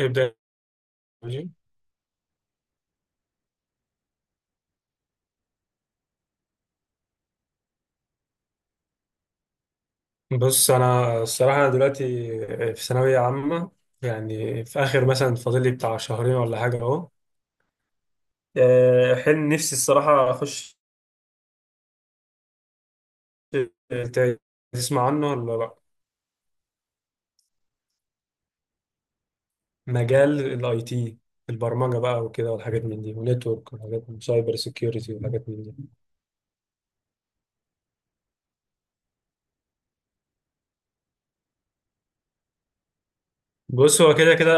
ابدأ يا جي. بص، أنا الصراحة أنا دلوقتي في ثانوية عامة. يعني في آخر مثلا فاضل لي بتاع شهرين ولا حاجة أهو. حلم نفسي الصراحة أخش ت- تسمع عنه ولا لأ؟ مجال الأي تي، البرمجة بقى وكده والحاجات من دي، ونتورك وحاجات من سايبر سيكيورتي وحاجات من دي. بص هو كده كده،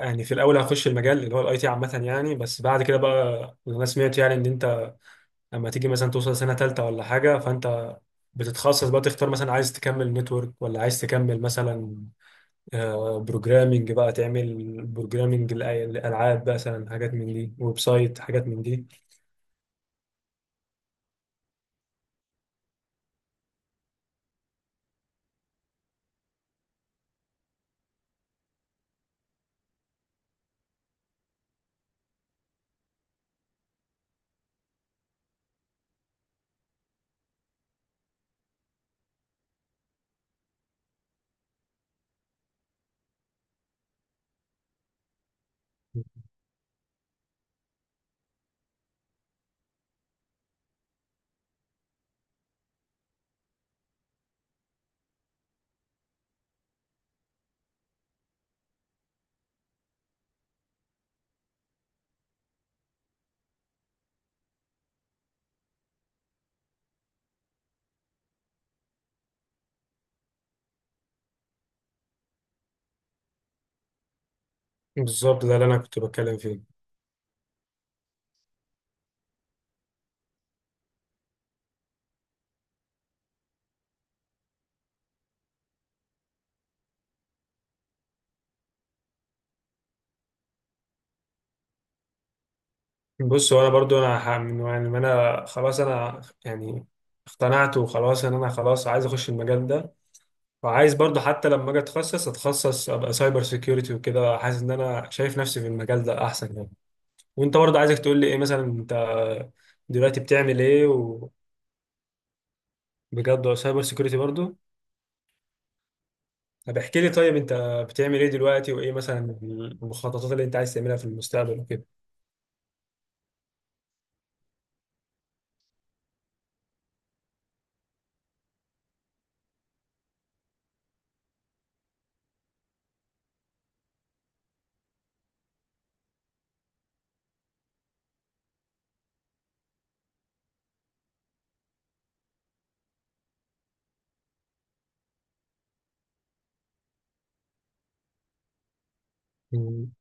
يعني في الأول هخش المجال اللي هو الأي تي عامة يعني، بس بعد كده بقى أنا سمعت يعني إن أنت لما تيجي مثلا توصل سنة تالتة ولا حاجة، فأنت بتتخصص بقى، تختار مثلا عايز تكمل نتورك ولا عايز تكمل مثلا بروجرامنج، بقى تعمل بروجرامنج للألعاب مثلا، حاجات من دي، ويب سايت، حاجات من دي. بالظبط، ده اللي أنا كنت بتكلم فيه. بص هو أنا برضو أنا من يعني ما أنا خلاص، أنا يعني اقتنعت وخلاص إن أنا خلاص عايز أخش المجال ده. وعايز برضو حتى لما أجي أتخصص أبقى سايبر سيكيورتي وكده، حاسس إن أنا شايف نفسي في المجال ده أحسن يعني. وانت برضه عايزك تقول لي ايه مثلا انت دلوقتي بتعمل ايه؟ وبجد سايبر سيكيورتي برضه؟ طب احكي لي طيب انت بتعمل ايه دلوقتي؟ وايه مثلا المخططات اللي انت عايز تعملها في المستقبل وكده؟ مم.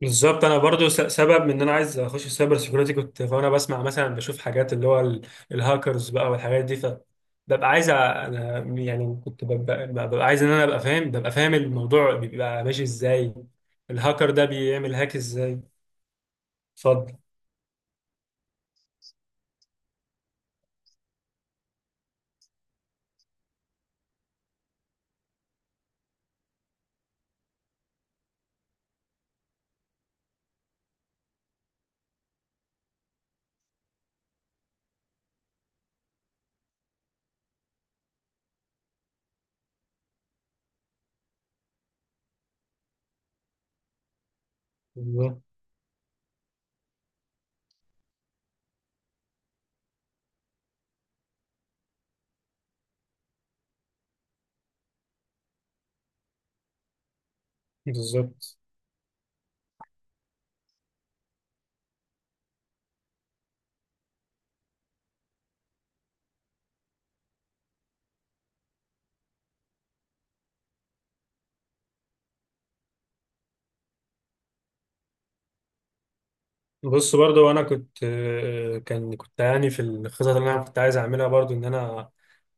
بالظبط، انا برضه سبب من ان انا عايز اخش في السايبر سيكيورتي، كنت وانا بسمع مثلا بشوف حاجات اللي هو الهاكرز بقى والحاجات دي، ف ببقى عايز انا يعني، كنت ببقى عايز ان انا ابقى فاهم، ببقى فاهم الموضوع بيبقى ماشي ازاي. الهاكر ده بيعمل هاك ازاي. اتفضل. بالظبط. بالظبط. بص برضو انا كنت آه، كان كنت يعني في الخطط اللي انا كنت عايز اعملها برضو، ان انا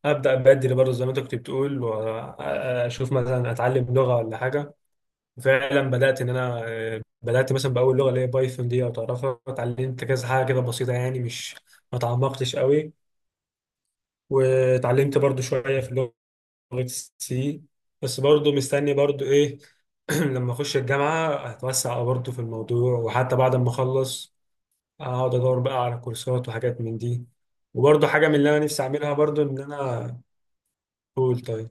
ابدا بدري برضو زي ما انت كنت بتقول، واشوف مثلا اتعلم لغه ولا حاجه. فعلا بدات ان انا آه، بدات مثلا باول لغه اللي هي بايثون، دي او تعرفها، اتعلمت كذا حاجه كده بسيطه يعني، مش ما تعمقتش قوي، واتعلمت برضو شويه في لغه سي. بس برضو مستني برضو ايه، لما اخش الجامعه هتوسع برضو في الموضوع، وحتى بعد ما اخلص اقعد ادور بقى على كورسات وحاجات من دي. وبرضه حاجه من اللي انا نفسي اعملها برضه، ان انا اقول طيب.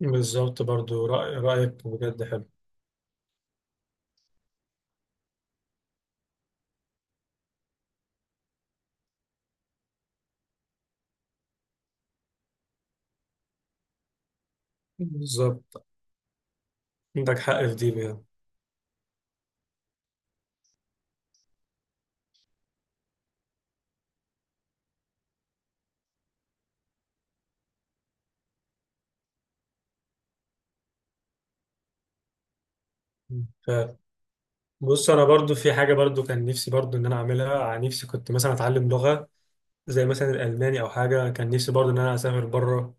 بالظبط، برضه رايك بجد حلو. بالظبط، عندك حق في دي بجد. فبص انا برضه في حاجه برضه كان نفسي برضه ان انا اعملها عن نفسي، كنت مثلا اتعلم لغه زي مثلا الالماني او حاجه. كان نفسي برضه ان انا اسافر بره،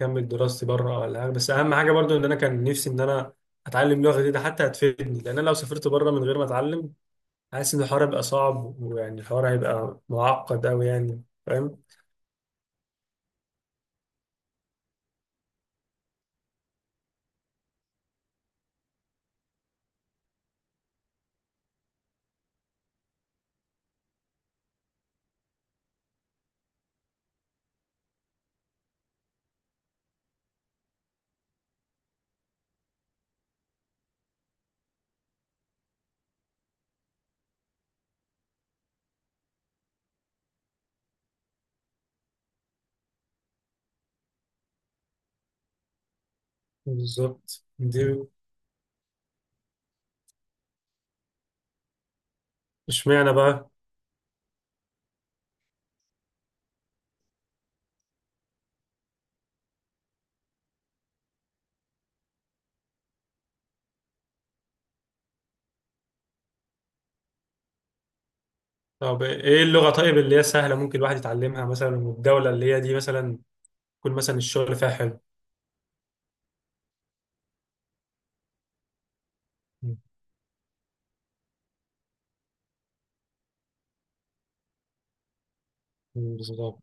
اكمل دراستي بره ولا حاجه، بس اهم حاجه برضه ان انا كان نفسي ان انا اتعلم لغه جديده، حتى هتفيدني، لان انا لو سافرت بره من غير ما اتعلم، حاسس ان الحوار هيبقى صعب، ويعني الحوار هيبقى معقد أوي يعني، فاهم؟ بالظبط دي. اشمعنى بقى؟ طب ايه اللغة طيب اللي هي سهلة ممكن الواحد يتعلمها مثلا، والدولة اللي هي دي مثلا يكون مثلا الشغل فيها حلو؟ مم. بالظبط.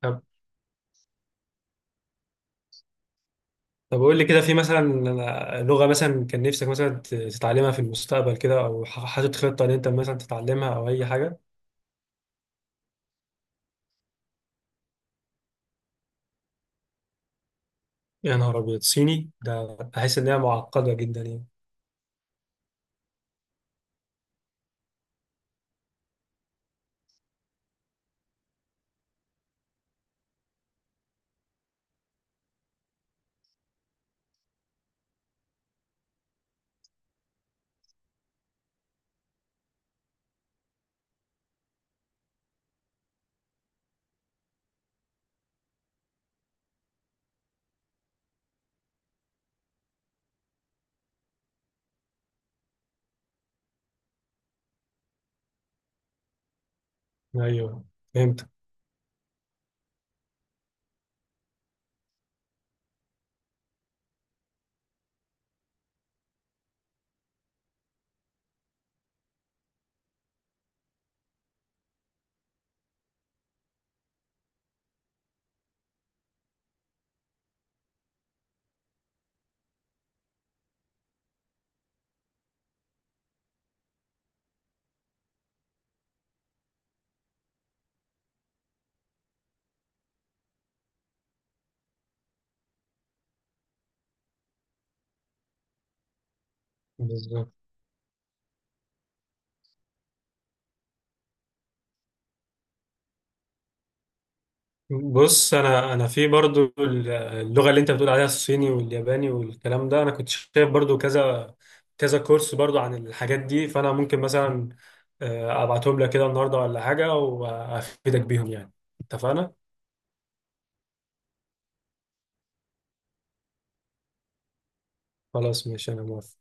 طب طب قول لي كده، في مثلا لغة مثلا كان نفسك مثلا تتعلمها في المستقبل كده، او حاطط خطة ان انت مثلا تتعلمها او اي حاجة؟ يا نهار ابيض، صيني ده بحس ان هي معقدة جدا يعني. ايوه فهمت. بالظبط. بص انا في برضو اللغه اللي انت بتقول عليها الصيني والياباني والكلام ده، انا كنت شايف برضو كذا كذا كورس برضو عن الحاجات دي، فانا ممكن مثلا ابعتهم لك كده النهارده ولا حاجه وافيدك بيهم يعني. اتفقنا. خلاص ماشي انا موافق.